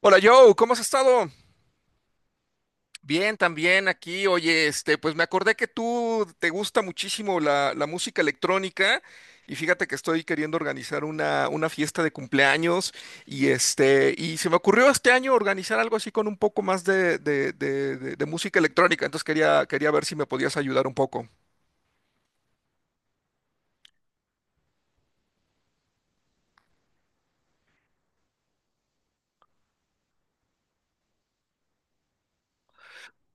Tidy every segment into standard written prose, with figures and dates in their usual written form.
Hola Joe, ¿cómo has estado? Bien, también aquí. Oye, este, pues me acordé que tú te gusta muchísimo la música electrónica y fíjate que estoy queriendo organizar una fiesta de cumpleaños y este, y se me ocurrió este año organizar algo así con un poco más de música electrónica. Entonces quería ver si me podías ayudar un poco.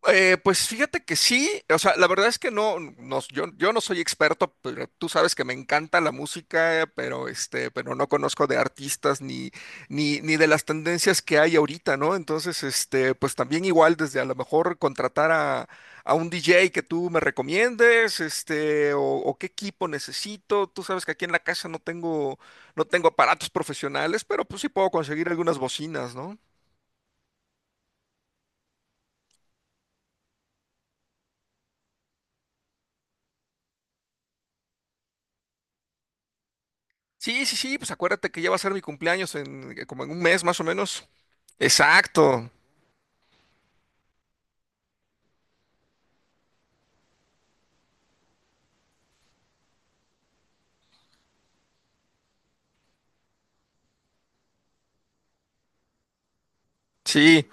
Pues fíjate que sí, o sea, la verdad es que no, yo no soy experto, pero tú sabes que me encanta la música, pero este, pero no conozco de artistas ni de las tendencias que hay ahorita, ¿no? Entonces, este, pues también igual desde a lo mejor contratar a un DJ que tú me recomiendes, este, o qué equipo necesito. Tú sabes que aquí en la casa no tengo aparatos profesionales, pero pues sí puedo conseguir algunas bocinas, ¿no? Sí, sí, sí, pues acuérdate que ya va a ser mi cumpleaños en como en un mes más o menos. Exacto, sí.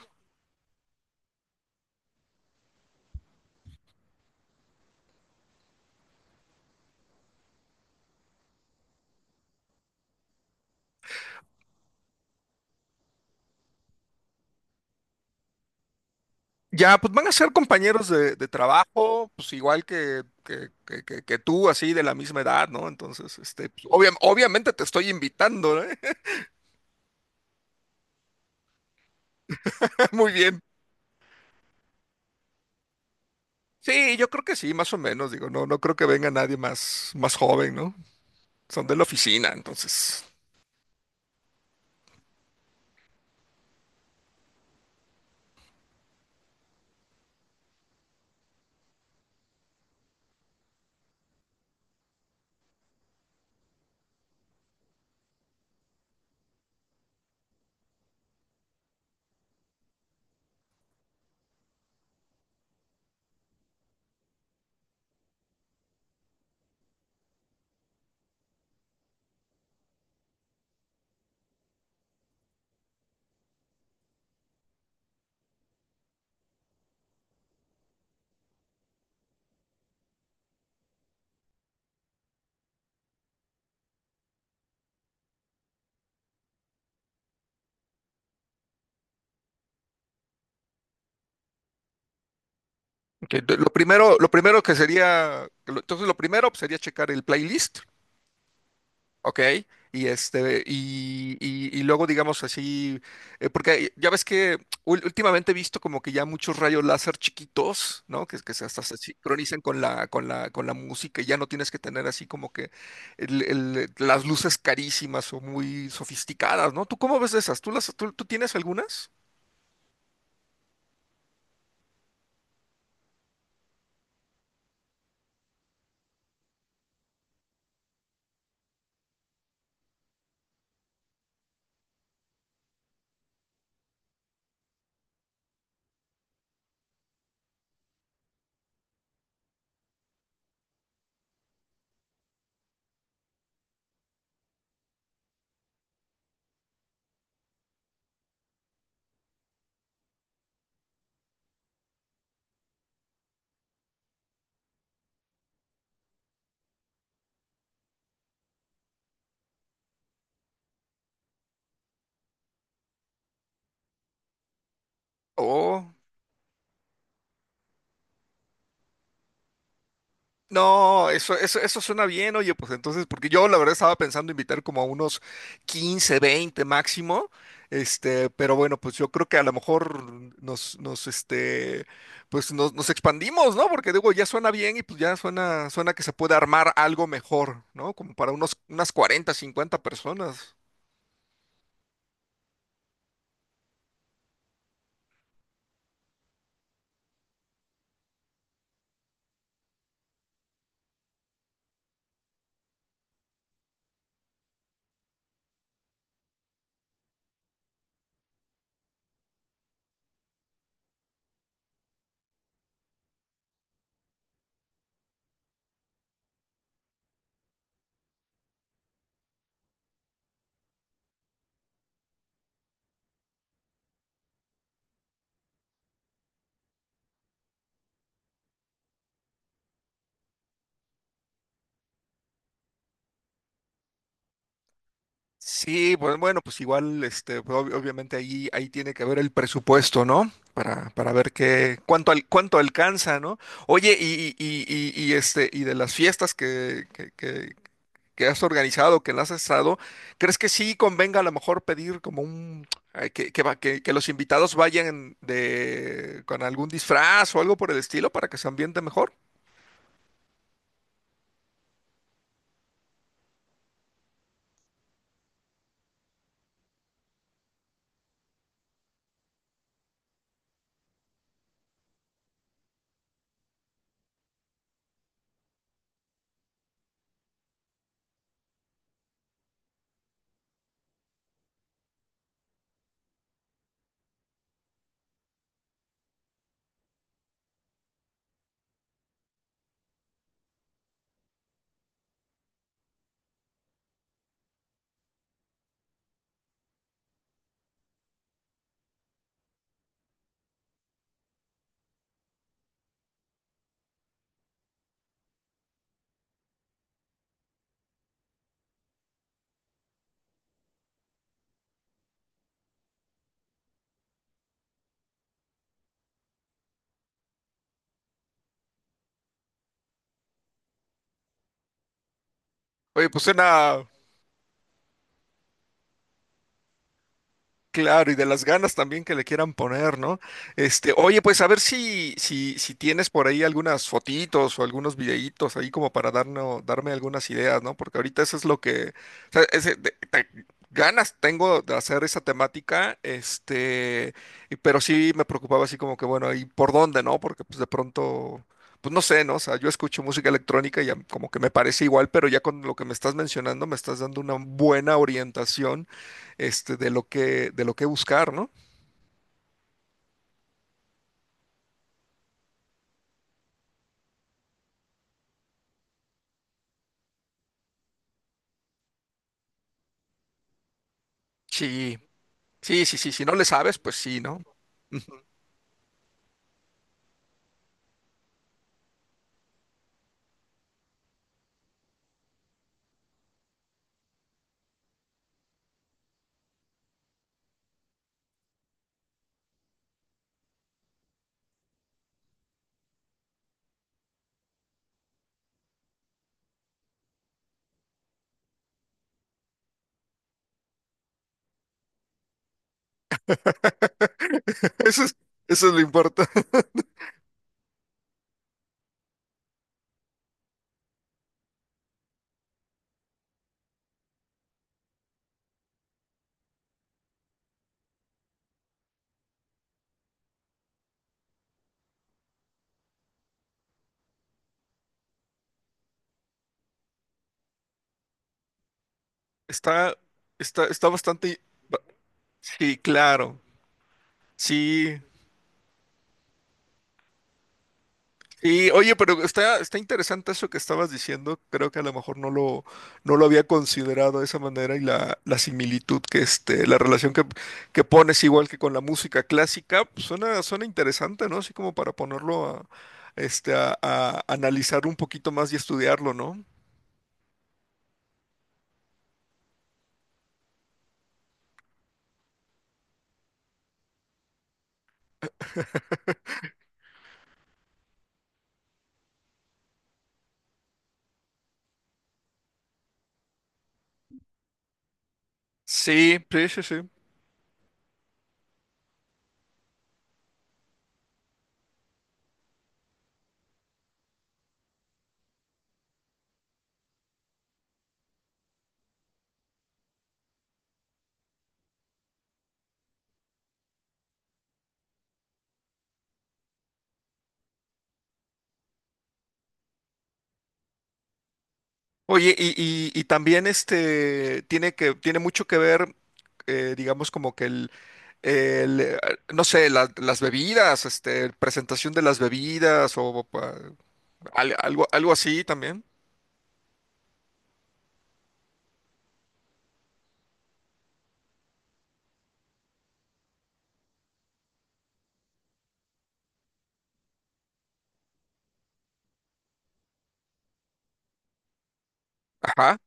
Ya, pues van a ser compañeros de trabajo, pues igual que tú, así de la misma edad, ¿no? Entonces, este, pues, obviamente te estoy invitando, ¿eh? Muy bien. Sí, yo creo que sí, más o menos, digo, no, no creo que venga nadie más, más joven, ¿no? Son de la oficina, entonces. Que lo primero que sería, entonces lo primero pues, sería checar el playlist. Ok, y este, y luego digamos así, porque ya ves que últimamente he visto como que ya muchos rayos láser chiquitos, ¿no? Que se hasta se sincronizan con la, con la, con la música, y ya no tienes que tener así como que las luces carísimas o muy sofisticadas, ¿no? ¿Tú cómo ves de esas? ¿Tú las, tú tienes algunas? Oh. No, eso suena bien, oye, pues entonces, porque yo la verdad estaba pensando invitar como a unos 15, 20 máximo, este, pero bueno, pues yo creo que a lo mejor nos, pues nos expandimos, ¿no? Porque digo, ya suena bien y pues ya suena, suena que se puede armar algo mejor, ¿no? Como para unos, unas 40, 50 personas. Sí, bueno, bueno, pues igual, este, pues, obviamente ahí tiene que ver el presupuesto, ¿no? Para ver qué, cuánto, cuánto alcanza, ¿no? Oye, y de las fiestas que has organizado, que las has estado, ¿crees que sí convenga a lo mejor pedir como un, ay, que los invitados vayan de, con algún disfraz o algo por el estilo para que se ambiente mejor? Oye, pues suena, claro, y de las ganas también que le quieran poner, ¿no? Este, oye, pues a ver si tienes por ahí algunas fotitos o algunos videitos ahí como para darnos, darme algunas ideas, ¿no? Porque ahorita eso es lo que, o sea, ganas tengo de hacer esa temática, este, pero sí me preocupaba así como que, bueno, ¿y por dónde, no? Porque pues de pronto, pues no sé, ¿no? O sea, yo escucho música electrónica y ya como que me parece igual, pero ya con lo que me estás mencionando me estás dando una buena orientación este, de lo que buscar, ¿no? Sí, sí, sí, sí, si no le sabes, pues sí, ¿no? Eso es, eso es lo importante. Está, está, está bastante... ba- Sí, claro. Sí, sí, oye, pero está, está interesante eso que estabas diciendo. Creo que a lo mejor no lo había considerado de esa manera y la similitud que este, la relación que pones igual que con la música clásica, pues, suena, suena interesante, ¿no? Así como para ponerlo a, este, a analizar un poquito más y estudiarlo, ¿no? Sí, sí, sí, sí. Oye, y también este tiene que, tiene mucho que ver, digamos, como que el, no sé, las bebidas, este, presentación de las bebidas o algo, algo así también. Ajá,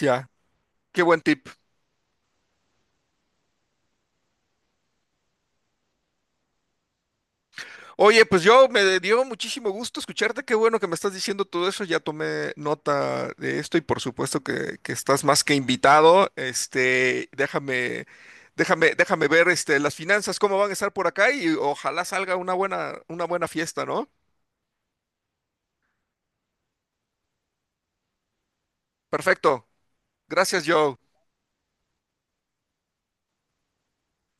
ya. Qué buen tip. Oye, pues yo me dio muchísimo gusto escucharte. Qué bueno que me estás diciendo todo eso. Ya tomé nota de esto y por supuesto que estás más que invitado. Este, déjame ver, este, las finanzas, cómo van a estar por acá y ojalá salga una buena fiesta, ¿no? Perfecto. Gracias, Joe.